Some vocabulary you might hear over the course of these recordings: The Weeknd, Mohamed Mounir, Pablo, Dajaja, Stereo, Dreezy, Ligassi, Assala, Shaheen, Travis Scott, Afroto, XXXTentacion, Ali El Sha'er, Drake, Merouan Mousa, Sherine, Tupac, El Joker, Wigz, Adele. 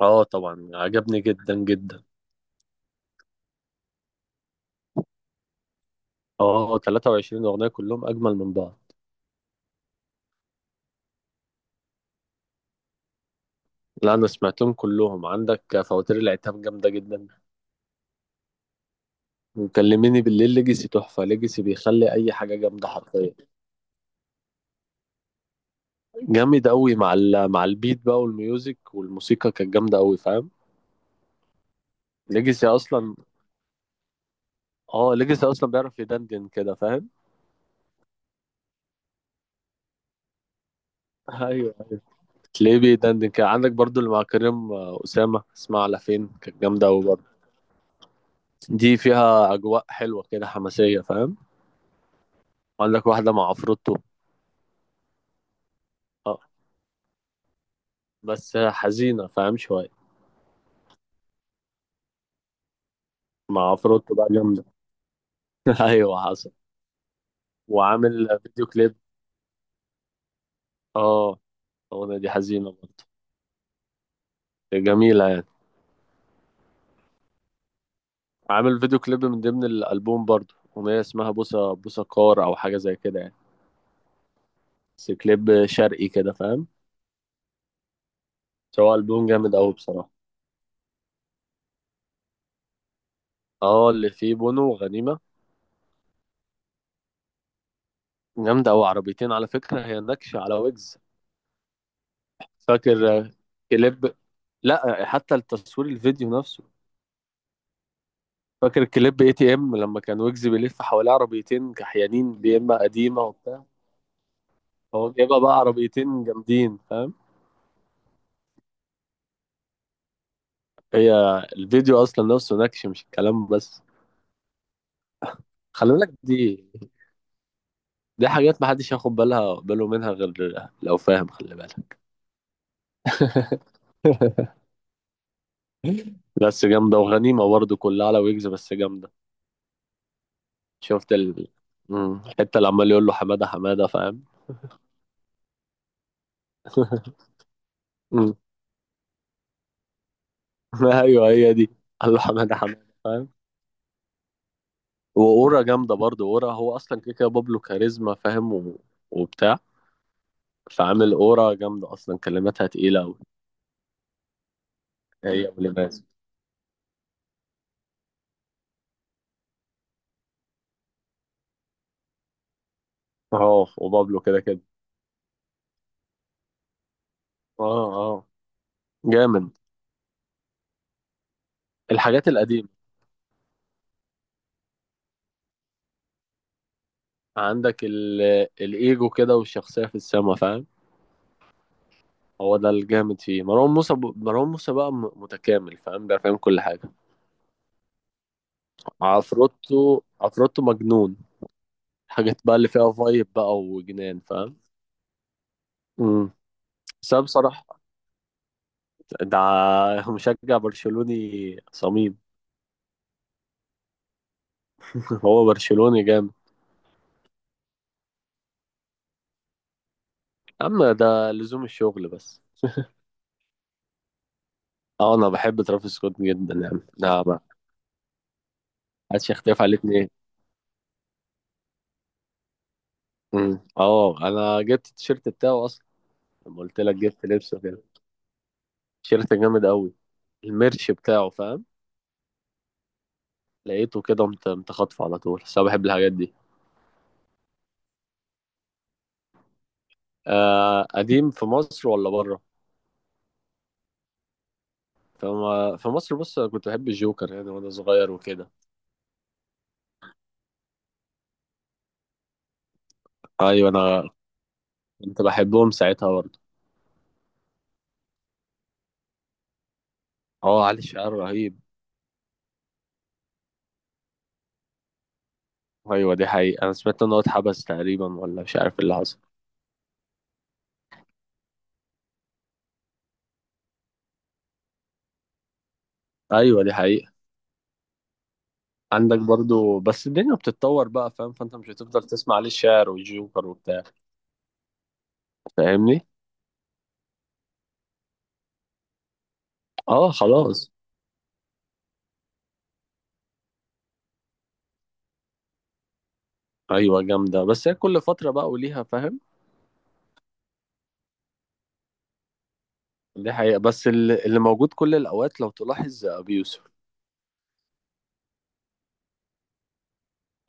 اه طبعا عجبني جدا جدا. اه 23 اغنيه كلهم اجمل من بعض. لا انا سمعتهم كلهم، عندك فواتير العتاب جامده جدا وكلميني بالليل. ليجاسي تحفه، ليجاسي بيخلي اي حاجه جامده حرفيا. جامد قوي مع ال... مع البيت بقى والميوزك، والموسيقى كانت جامده قوي، فاهم. ليجاسي اصلا، اه ليجاسي اصلا بيعرف يدندن كده، فاهم. ايوه، تلاقيه بيدندن كده، عندك برضو اللي مع كريم اسامه، اسمها على فين، كانت جامده قوي برضه. دي فيها اجواء حلوه كده حماسيه، فاهم. وقال لك واحدة مع عفروتو. اه بس حزينة فاهم شوية. مع عفروتو بقى جامدة. ايوه حصل. وعامل فيديو كليب. اه الاغنية دي حزينة برضه، جميلة يعني. عامل فيديو كليب من ضمن الألبوم برضه، أغنية اسمها بوسة بوسة كار أو حاجة زي كده يعني. بس كليب شرقي كده، فاهم. سواء ألبوم جامد أوي بصراحة. اه اللي فيه بونو وغنيمة. جامدة أوي، عربيتين على فكرة، هي نكشة على ويجز. فاكر كليب، لا حتى التصوير الفيديو نفسه. فاكر الكليب اي تي ام لما كان ويجز بيلف حواليه عربيتين كحيانين بيما قديمه وبتاع. هو جايبها بقى عربيتين جامدين، فاهم. هي الفيديو اصلا نفسه نكش، مش الكلام بس. خلي بالك دي، دي حاجات محدش ياخد بالها باله منها غير لو فاهم، خلي بالك. بس جامده، وغنيمه برضه كلها على ويجز بس جامده. شفت ال الحته اللي عمال يقول له حماده حماده، فاهم. مم. ايوه هي دي، قال له حماده حماده، فاهم. واورا جامده برضه، اورا هو اصلا كده كده بابلو كاريزما فاهم وبتاع. فعامل اورا جامده، اصلا كلماتها تقيله قوي. هي ولباس. اه وبابلو كده كده. اه اه جامد. الحاجات القديمه. عندك الايجو كده والشخصيه في السما، فاهم. هو ده الجامد فيه، مروان موسى ب... مروان موسى بقى متكامل، فاهم بقى، فاهم كل حاجه. عفروتو، عفروتو مجنون. الحاجات بقى اللي فيها فايب بقى وجنان، فاهم. امم، بس أنا بصراحه ده مشجع برشلوني صميم. هو برشلوني جامد. اما ده لزوم الشغل بس. اه انا بحب ترافيس سكوت جدا يعني، لا ما حدش يختلف عليه اتنين. اه انا جبت التيشيرت بتاعه اصلا. لما قلت لك جبت لبسه كده، تيشيرت جامد قوي، الميرش بتاعه، فاهم. لقيته كده متخطف على طول، بس انا بحب الحاجات دي. آه قديم في مصر ولا بره؟ فما في مصر، بص انا كنت بحب الجوكر يعني وانا صغير وكده. ايوه انا كنت بحبهم ساعتها برضه. هو علي الشعر رهيب. ايوه دي حقيقة، انا سمعت ان هو اتحبس تقريبا ولا مش عارف اللي حصل. ايوه دي حقيقة. عندك برضو بس الدنيا بتتطور بقى فاهم، فانت مش هتفضل تسمع علي الشعر والجوكر وبتاع. فاهمني. اه خلاص. ايوه جامدة، بس هي كل فترة بقى وليها، فاهم. دي حقيقة، بس اللي موجود كل الاوقات لو تلاحظ ابي يوسف.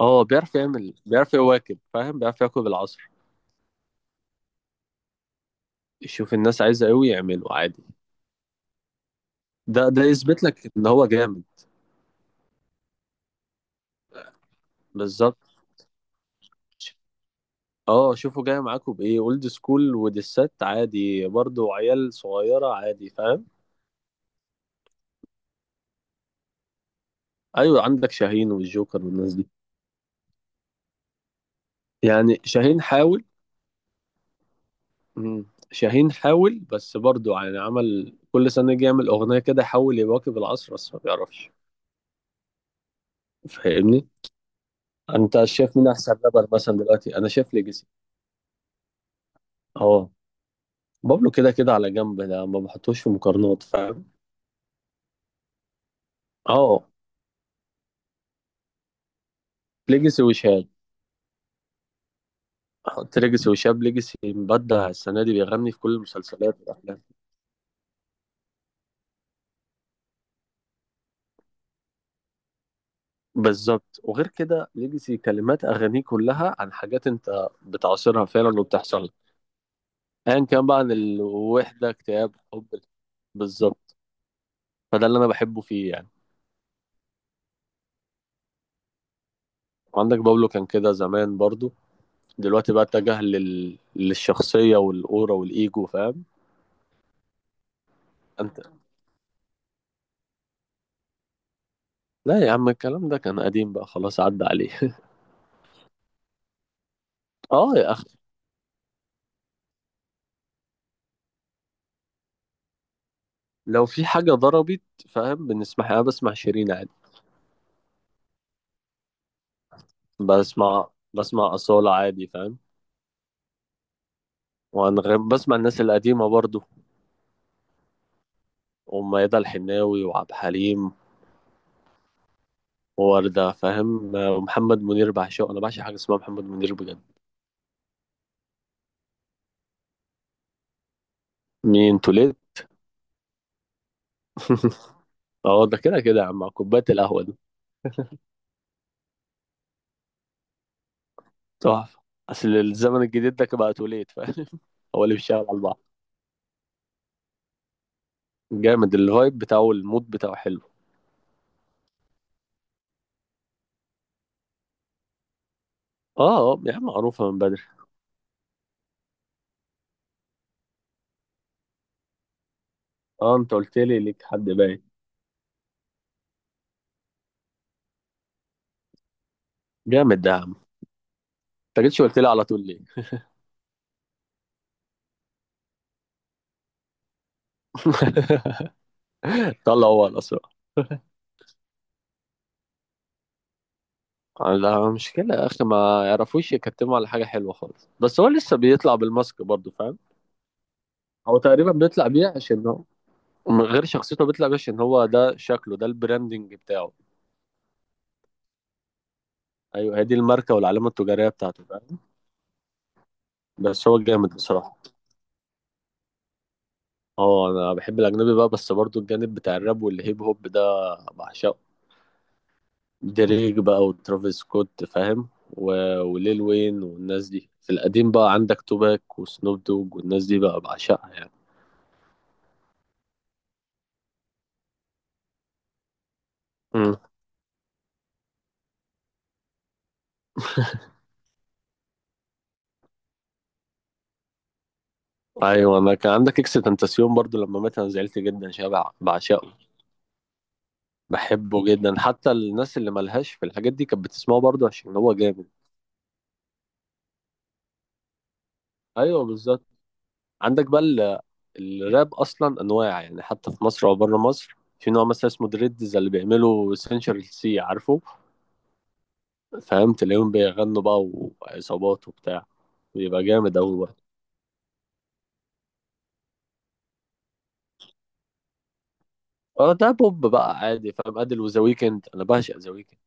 اه بيعرف يعمل، بيعرف يواكب فاهم، بيعرف يواكب العصر. يشوف الناس عايزة ايه ويعمله عادي. ده ده يثبت لك ان هو جامد. بالظبط. اه شوفوا جاي معاكم بايه، اولد سكول ودسات عادي برضو، عيال صغيره عادي، فاهم. ايوه عندك شاهين والجوكر والناس دي. يعني شاهين حاول. مم. شاهين حاول بس برضو يعني، عمل كل سنه يجي يعمل اغنيه كده يحاول يواكب العصر بس ما بيعرفش. فاهمني. انت شايف مين احسن رابر مثلا دلوقتي؟ انا شايف ليجاسي. اه بابلو كده كده على جنب، ده ما بحطوش في مقارنات، فاهم. اه ليجاسي وشهاب. احط ليجاسي وشهاب، ليجاسي مبدع السنه دي، بيغني في كل المسلسلات والافلام. بالظبط، وغير كده ليجاسي كلمات اغانيه كلها عن حاجات انت بتعاصرها فعلا وبتحصل لك، ايا كان بقى، عن الوحده، اكتئاب، حب. بالظبط. فده اللي انا بحبه فيه يعني. عندك بابلو كان كده زمان برضو، دلوقتي بقى اتجه لل... للشخصيه والاورا والايجو، فاهم. انت لا يا عم، الكلام ده كان قديم بقى خلاص، عدى عليه. اه يا اخي، لو في حاجه ضربت فاهم بنسمعها، انا بسمع شيرين عادي. بسمع بسمع اصاله عادي، فاهم. وأنا بسمع الناس القديمة برضو، وميادة الحناوي وعبد الحليم ووردة، فاهم، ومحمد منير بعشقه، أنا بعشق حاجة اسمها محمد منير بجد. مين توليد؟ اه ده كده كده يا عم مع كوباية القهوة دي، تحفة. أصل الزمن الجديد ده بقى توليد، فاهم. هو اللي بيشتغل على بعض، جامد الفايب بتاعه، المود بتاعه حلو. اه اه يا عم معروفة من بدري. اه انت قلت لي ليك حد باين. جامد ده يا عم، انت جيتش قلت لي على طول ليه؟ طلع هو الأسرع. لا مشكلة يا أخي، ما يعرفوش يكتموا على حاجة حلوة خالص، بس هو لسه بيطلع بالماسك برضه، فاهم. هو تقريبا بيطلع بيه عشان هو، من غير شخصيته بيطلع بيه عشان هو ده شكله، ده البراندنج بتاعه. أيوه هي دي الماركة والعلامة التجارية بتاعته، فاهم. بس هو جامد بصراحة. اه أنا بحب الأجنبي بقى، بس برضه الجانب بتاع الراب والهيب هوب ده بعشقه. دريك بقى وترافيس سكوت فاهم و... وليل وين والناس دي، في القديم بقى عندك توباك وسنوب دوج والناس دي بقى بعشقها يعني. ايوه انا كان عندك اكس تنتاسيون برضو، لما مات انا زعلت جدا، شبع بعشقه. بحبه جدا، حتى الناس اللي ملهاش في الحاجات دي كانت بتسمعه برضو عشان هو جامد. ايوه بالظبط. عندك بقى الراب اصلا انواع يعني، حتى في مصر او بره مصر في نوع مثلا اسمه دريدز اللي بيعملوا سنشال سي، عارفه، فاهم. تلاقيهم بيغنوا بقى، وعصابات وبتاع، بيبقى جامد أوي بقى. اه ده بوب بقى عادي، فاهم ادل وذا ويكند، انا بعشق ذا ويكند.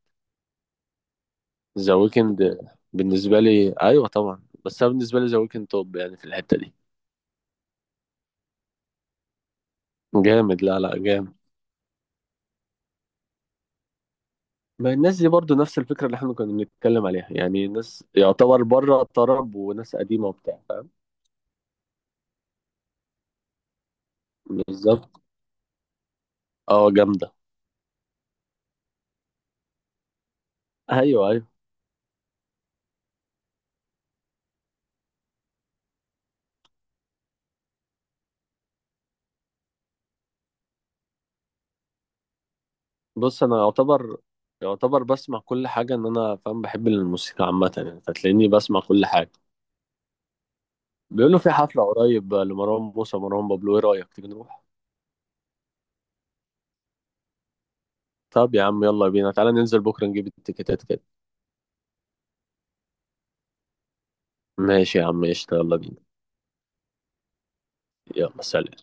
ذا ويكند بالنسبة لي أيوة طبعا، بس أنا بالنسبة لي ذا ويكند توب يعني في الحتة دي. جامد، لا لا جامد. ما الناس دي برضو نفس الفكرة اللي احنا كنا بنتكلم عليها يعني، ناس يعتبر بره الطرب وناس قديمة وبتاع، فاهم. بالظبط. اه جامدة. أيوة أيوة. بص أنا يعتبر، يعتبر بسمع كل حاجة، إن أنا فاهم بحب الموسيقى عامة يعني، فتلاقيني بسمع كل حاجة. بيقولوا في حفلة قريب لمروان موسى ومروان بابلو، إيه رأيك تيجي نروح؟ طب يا عم يلا بينا، تعالى ننزل بكرة نجيب التيكيتات كده. ماشي يا عم قشطة، يلا بينا. يلا سلام.